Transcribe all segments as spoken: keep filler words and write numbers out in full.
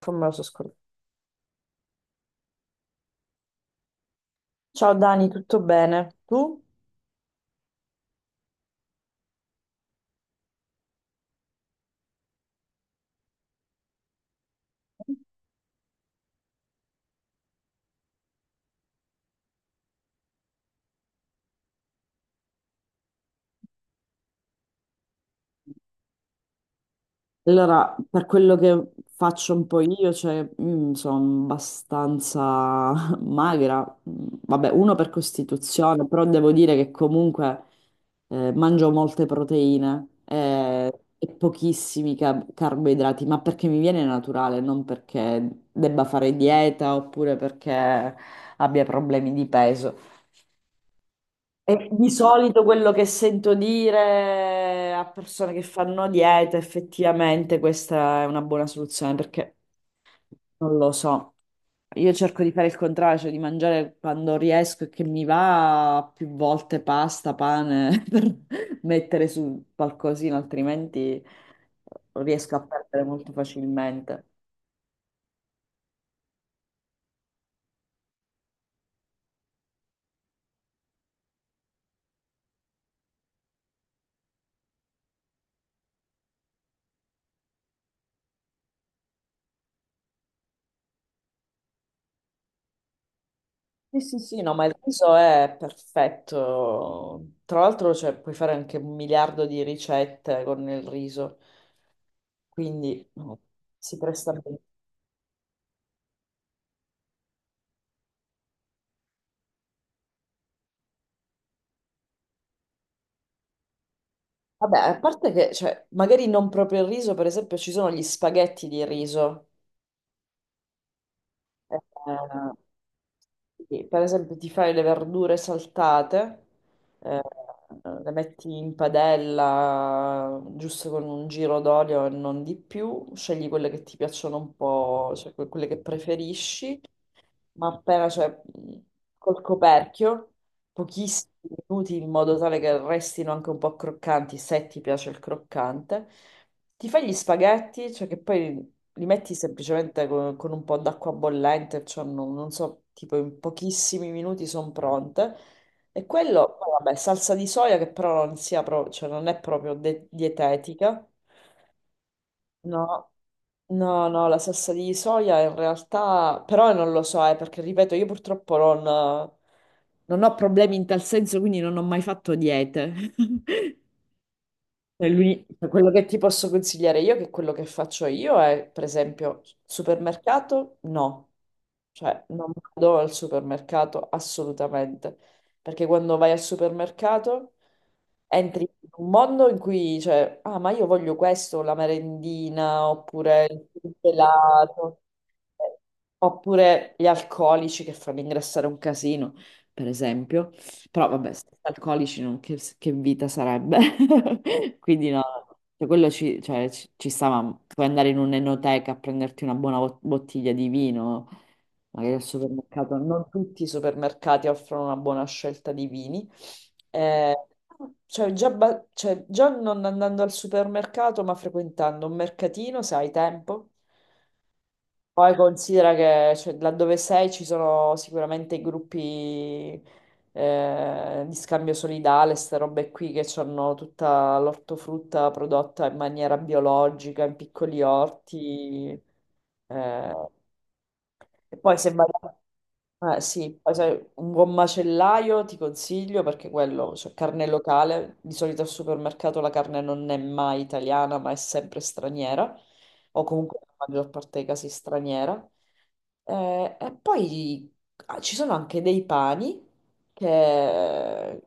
Tommaso Scor- Ciao Dani, tutto bene? Tu? Allora, per quello che faccio un po' io, cioè, mm, sono abbastanza magra. Mm, vabbè, uno per costituzione, però devo dire che comunque eh, mangio molte proteine, eh, e pochissimi ca- carboidrati, ma perché mi viene naturale, non perché debba fare dieta oppure perché abbia problemi di peso. E di solito quello che sento dire a persone che fanno dieta, effettivamente questa è una buona soluzione, perché non lo so. Io cerco di fare il contrario, cioè di mangiare quando riesco e che mi va più volte pasta, pane, per mettere su qualcosina, altrimenti riesco a perdere molto facilmente. Sì, sì, sì, no, ma il riso è perfetto. Tra l'altro, cioè, puoi fare anche un miliardo di ricette con il riso, quindi no, si presta bene. Vabbè, a parte che, cioè, magari non proprio il riso, per esempio, ci sono gli spaghetti di riso. Eh, sì, per esempio, ti fai le verdure saltate, eh, le metti in padella giusto con un giro d'olio e non di più, scegli quelle che ti piacciono un po', cioè que- quelle che preferisci, ma appena, cioè, mh, col coperchio, pochissimi minuti in modo tale che restino anche un po' croccanti, se ti piace il croccante. Ti fai gli spaghetti, cioè che poi li metti semplicemente con, con un po' d'acqua bollente, cioè non, non so, tipo in pochissimi minuti sono pronte. E quello, poi vabbè, salsa di soia che però non sia pro- cioè non è proprio de- dietetica. No, no, no, la salsa di soia in realtà, però non lo so, eh, perché ripeto, io purtroppo non, non ho problemi in tal senso, quindi non ho mai fatto diete. E lui- Quello che ti posso consigliare io, che quello che faccio io è, per esempio, supermercato, no. Cioè, non vado al supermercato assolutamente, perché quando vai al supermercato entri in un mondo in cui, cioè, ah, ma io voglio questo, la merendina, oppure il gelato, eh, oppure gli alcolici che fanno ingrassare un casino, per esempio. Però vabbè, senza alcolici non- che, che vita sarebbe? Quindi no, cioè, quello ci, cioè, ci, ci sta, ma puoi andare in un'enoteca a prenderti una buona bot- bottiglia di vino, magari al supermercato non tutti i supermercati offrono una buona scelta di vini. Eh, cioè, già, ba- cioè, già non andando al supermercato, ma frequentando un mercatino, se hai tempo. Poi considera che cioè, laddove sei ci sono sicuramente i gruppi, eh, di scambio solidale, queste robe qui che hanno tutta l'ortofrutta prodotta in maniera biologica, in piccoli orti. Eh, e poi se vai... Eh, sì, poi se- un buon macellaio ti consiglio perché quello, cioè carne locale, di solito al supermercato la carne non è mai italiana, ma è sempre straniera, o comunque nella maggior parte dei casi straniera. Eh, e poi ah, ci sono anche dei pani che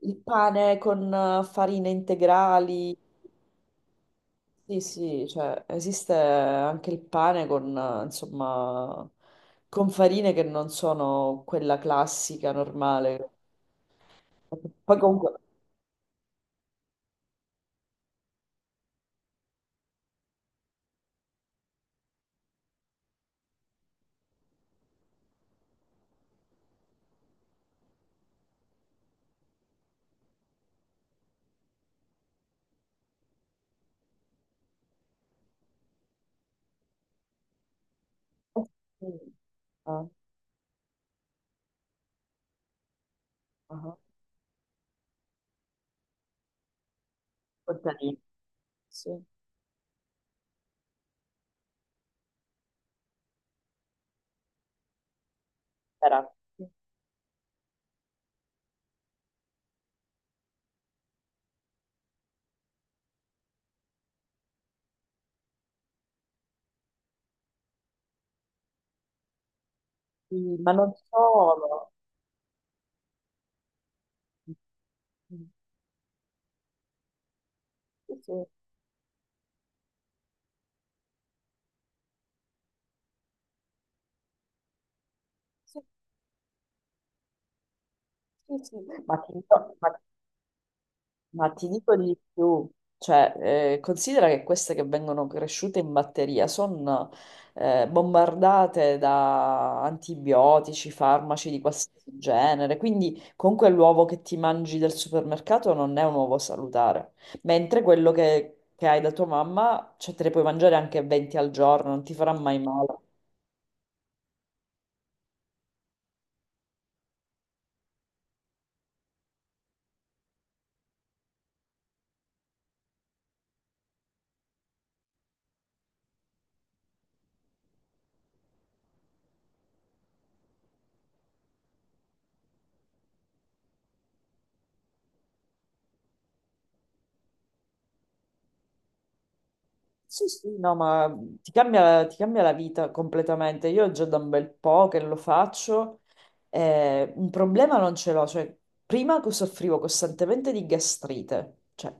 il pane con eh, farine integrali. Sì, sì, cioè esiste anche il pane con, eh, insomma, con farine che non sono quella classica, normale. Poi comunque... Ah, ah, contadini, sì, era. Sì, ma non solo. Sì, sì, sì, sì, sì. Ma ti dico- ma ti dico Ma ti dico di più, cioè, eh, considera che queste che vengono cresciute in batteria sono, eh, bombardate da antibiotici, farmaci di qualsiasi genere, quindi comunque l'uovo che ti mangi del supermercato non è un uovo salutare, mentre quello che, che hai da tua mamma, cioè, te ne puoi mangiare anche venti al giorno, non ti farà mai male. Sì, sì, no, ma ti cambia, ti cambia la vita completamente. Io già da un bel po' che lo faccio, eh, un problema non ce l'ho. Cioè, prima che soffrivo costantemente di gastrite, cioè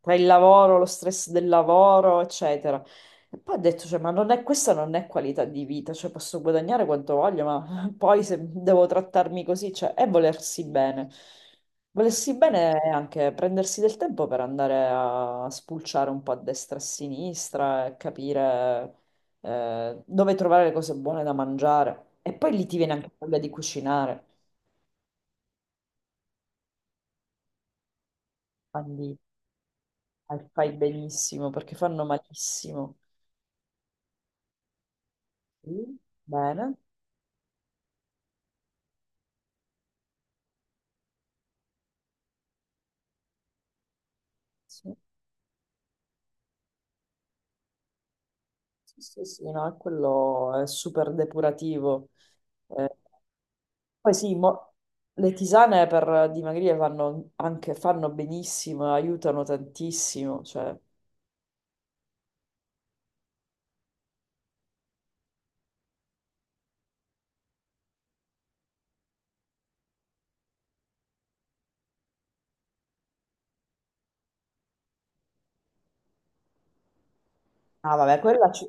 tra il lavoro, lo stress del lavoro, eccetera. E poi ho detto, cioè, ma non è, questa non è qualità di vita, cioè posso guadagnare quanto voglio, ma poi se devo trattarmi così, cioè, è volersi bene. Volersi bene è anche prendersi del tempo per andare a spulciare un po' a destra e a sinistra e capire eh, dove trovare le cose buone da mangiare. E poi lì ti viene anche voglia di cucinare. Quindi eh, fai benissimo perché fanno malissimo. Sì, bene. Sì, sì, sì, sì, no, è quello è super depurativo. Eh, poi sì, mo- le tisane per dimagrire fanno anche fanno benissimo, aiutano tantissimo. Cioè... Ah, vabbè, quella ci,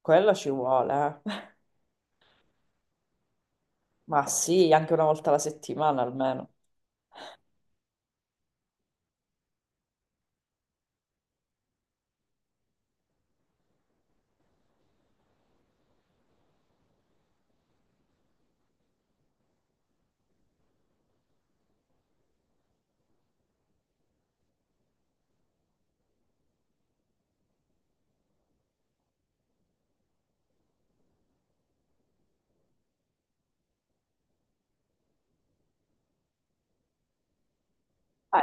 quella ci vuole, eh. Ma sì, anche una volta alla settimana almeno. Eh,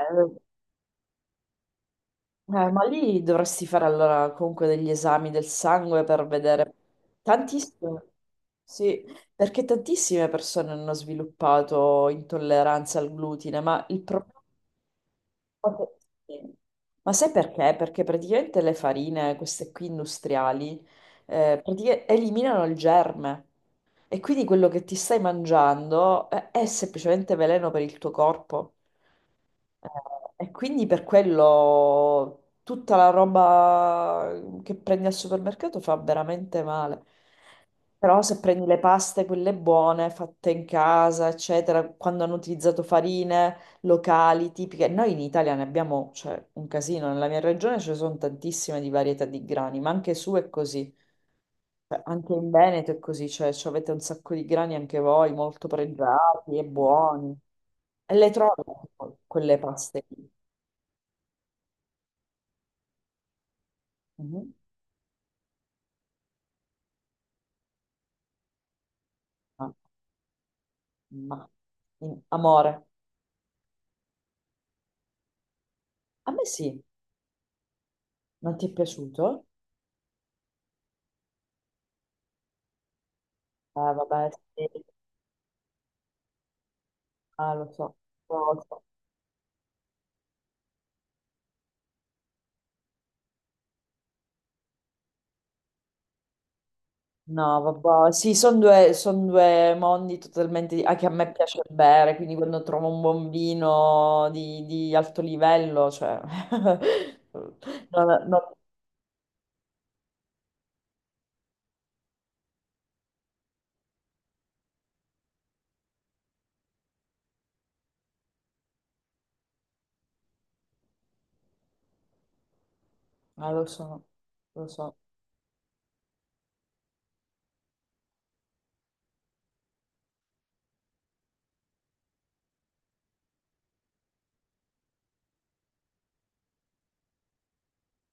eh, ma lì dovresti fare allora comunque degli esami del sangue per vedere tantissimo. Sì, perché tantissime persone hanno sviluppato intolleranza al glutine, ma il problema... sì. Ma sai perché? Perché praticamente le farine, queste qui industriali, eh, pratica- eliminano il germe e quindi quello che ti stai mangiando, eh, è semplicemente veleno per il tuo corpo. Eh, e quindi per quello tutta la roba che prendi al supermercato fa veramente male. Però se prendi le paste, quelle buone, fatte in casa, eccetera, quando hanno utilizzato farine locali, tipiche, noi in Italia ne abbiamo, cioè, un casino, nella mia regione ce ne sono tantissime di varietà di grani, ma anche su è così. Cioè, anche in Veneto è così, cioè, ci avete un sacco di grani anche voi, molto pregiati e buoni, e le trovi quelle paste lì. Mhm. Ma, ma- in- amore, a me sì, non ti è piaciuto? Ah, vabbè, sì. Ah, lo so, lo so. No, vabbè, sì, sono due, son due mondi totalmente... di- Anche a me piace bere, quindi quando trovo un buon vino di, di alto livello, cioè... No, no, no. Ah, lo so, lo so.